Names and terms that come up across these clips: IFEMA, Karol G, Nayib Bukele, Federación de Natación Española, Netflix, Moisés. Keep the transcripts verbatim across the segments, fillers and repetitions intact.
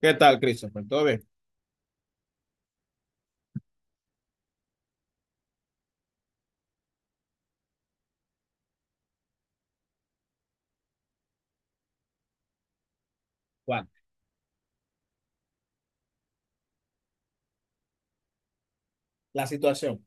¿Qué tal, Christopher? ¿Todo bien? Juan, la situación.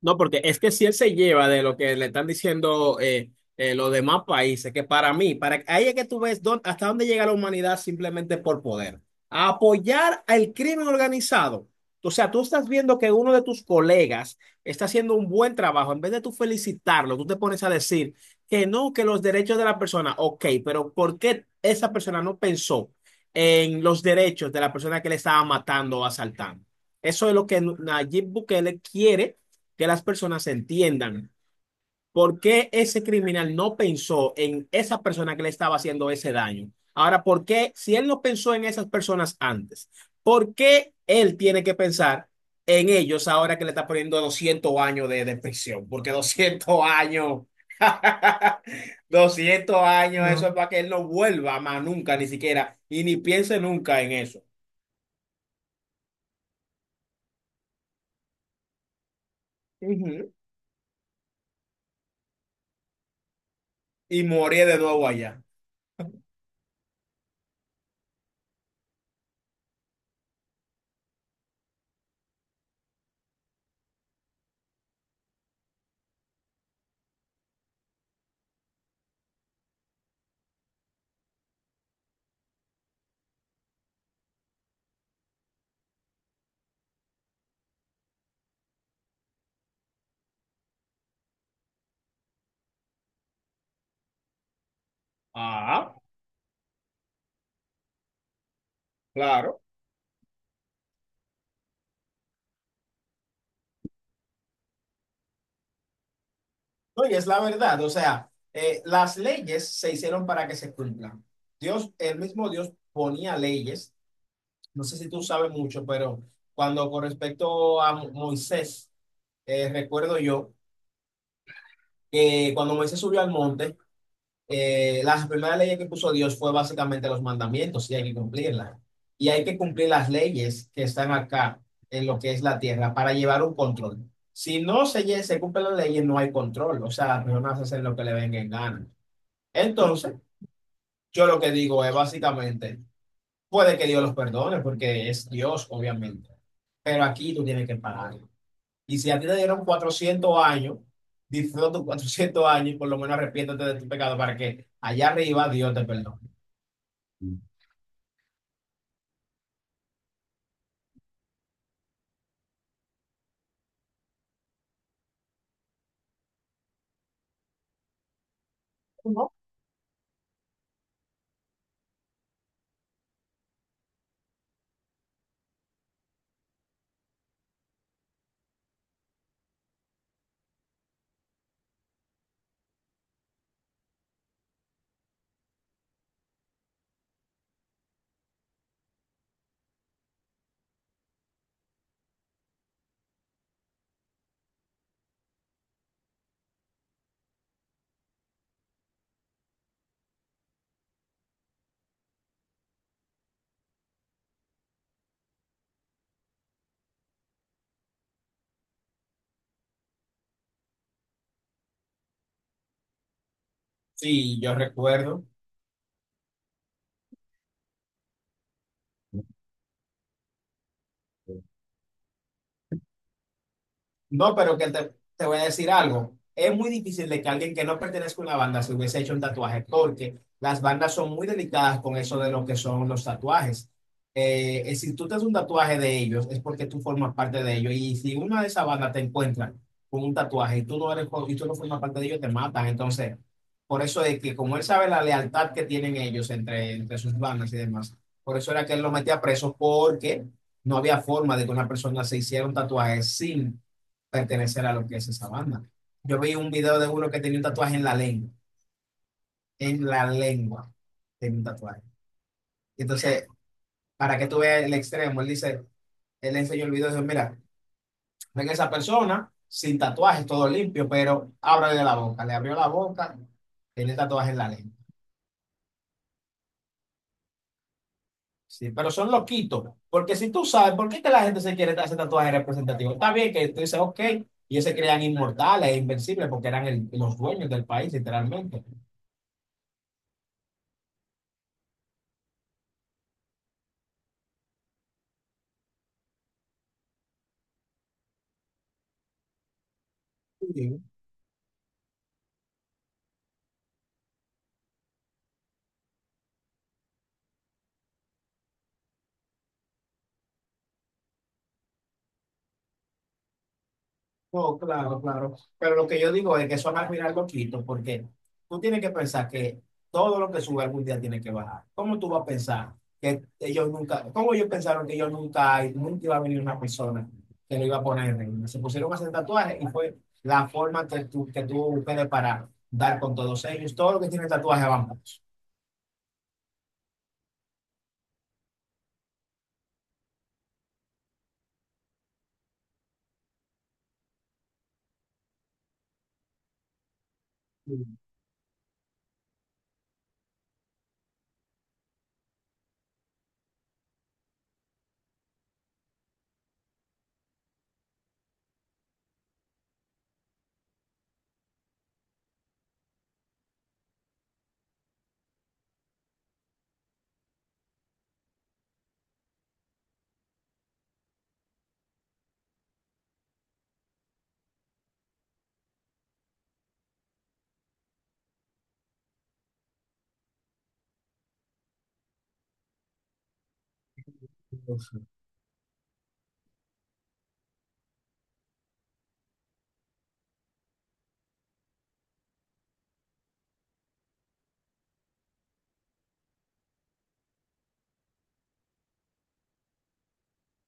No, porque es que si él se lleva de lo que le están diciendo eh, eh, los demás países, que para mí, para ahí es que tú ves dónde- hasta dónde llega la humanidad simplemente por poder. A apoyar al crimen organizado. O sea, tú estás viendo que uno de tus colegas está haciendo un buen trabajo. En vez de tú felicitarlo, tú te pones a decir que no, que los derechos de la persona, ok, pero ¿por qué esa persona no pensó en los derechos de la persona que le estaba matando o asaltando? Eso es lo que Nayib Bukele quiere que las personas entiendan por qué ese criminal no pensó en esa persona que le estaba haciendo ese daño. Ahora, ¿por qué si él no pensó en esas personas antes? ¿Por qué él tiene que pensar en ellos ahora que le está poniendo doscientos años de, de prisión? Porque doscientos años, doscientos años, no, eso no es para que él no vuelva más nunca, ni siquiera, y ni piense nunca en eso. Ujú. Y morir de nuevo allá. Ah, claro. No, y es la verdad, o sea, eh, las leyes se hicieron para que se cumplan. Dios, el mismo Dios ponía leyes, no sé si tú sabes mucho, pero cuando con respecto a Mo- Moisés, eh, recuerdo yo que cuando Moisés subió al monte, eh, las primeras leyes que puso Dios fue básicamente los mandamientos y hay que cumplirlas. Y hay que cumplir las leyes que están acá en lo que es la tierra para llevar un control. Si no se, lle- se cumplen las leyes, no hay control. O sea, las personas hacen lo que le venga en gana. Entonces, yo lo que digo es básicamente, puede que Dios los perdone porque es Dios, obviamente, pero aquí tú tienes que pagar. Y si a ti te dieron cuatrocientos años, disfruta tus cuatrocientos años y por lo menos arrepiéntete de tu pecado para que allá arriba Dios te perdone. Sí, yo recuerdo. No, pero que te, te voy a decir algo. Es muy difícil de que alguien que no pertenezca a una banda se hubiese hecho un tatuaje, porque las bandas son muy delicadas con eso de lo que son los tatuajes. Eh, eh, si tú te haces un tatuaje de ellos, es porque tú formas parte de ellos. Y si una de esas bandas te encuentra con un tatuaje y tú no eres, y tú no formas parte de ellos, te matan. Entonces, por eso es que como él sabe la lealtad que tienen ellos entre, entre sus bandas y demás, por eso era que él lo metía preso, porque no había forma de que una persona se hiciera un tatuaje sin pertenecer a lo que es esa banda. Yo vi un video de uno que tenía un tatuaje en la lengua, en la lengua tenía un tatuaje. Entonces, para que tú veas el extremo, él dice, él le enseñó el video y dice, mira, ven esa persona sin tatuajes, todo limpio, pero ábrale la boca, le abrió la boca, tiene tatuaje en la lengua. Sí, pero son loquitos, porque si tú sabes por qué es que la gente se quiere hacer tatuajes representativos, está bien que tú dices, ok, y ellos se crean inmortales e invencibles porque eran el- los dueños del país, literalmente. Sí, no, claro, claro. Pero lo que yo digo es que eso va a mirar loquito, porque tú tienes que pensar que todo lo que sube algún día tiene que bajar. ¿Cómo tú vas a pensar que ellos nunca, cómo ellos pensaron que ellos nunca, nunca iba a venir una persona que lo iba a poner en ring? Se pusieron a hacer tatuajes y fue la forma que tú, que tú busques para dar con todos ellos. Todo lo que tiene tatuajes van.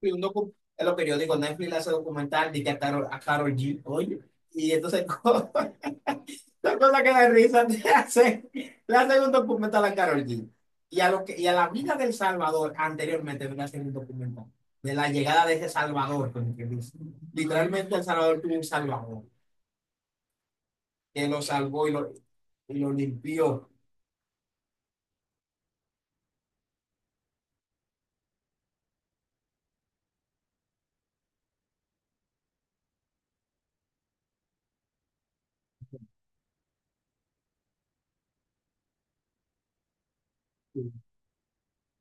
Vi un docu- en los periódicos Netflix le hace documental de que a Carol, a Karol G, oye, y entonces co- la cosa que da risa. le hacen, le hacen un documental a Carol G. Y a, lo que, y a la vida del Salvador anteriormente le hacen un documental de la llegada de ese Salvador, como que dice. Literalmente el Salvador tuvo un Salvador que lo salvó y lo, y lo limpió.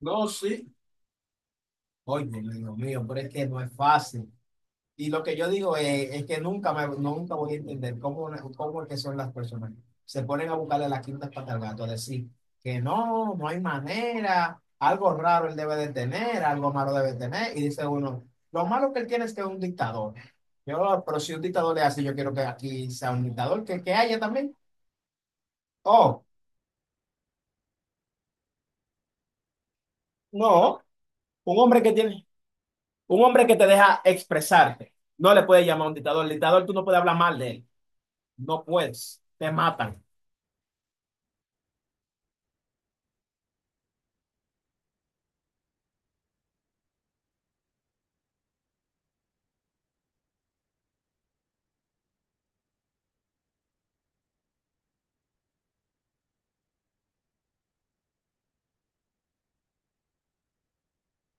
No, sí. Oye, Dios mío, pero es que no es fácil. Y lo que yo digo es, es que nunca, me, nunca voy a entender cómo, cómo es que son las personas. Se ponen a buscarle las quintas patas al gato, a decir que no, no hay manera, algo raro él debe de tener, algo malo debe de tener. Y dice uno, lo malo que él tiene es que es un dictador. Yo, pero si un dictador le hace, yo quiero que aquí sea un dictador, que, que haya también. Oh, no, un hombre que tiene, un hombre que te deja expresarte, no le puedes llamar a un dictador. El dictador tú no puedes hablar mal de él, no puedes, te matan.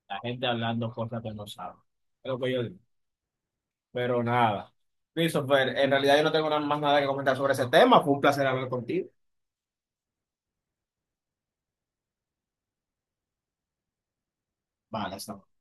La gente hablando cosas que no sabe. Es lo que yo digo. Pero nada. Christopher, en realidad yo no tengo nada más nada que comentar sobre ese tema. Fue un placer hablar contigo. Vale, hasta luego.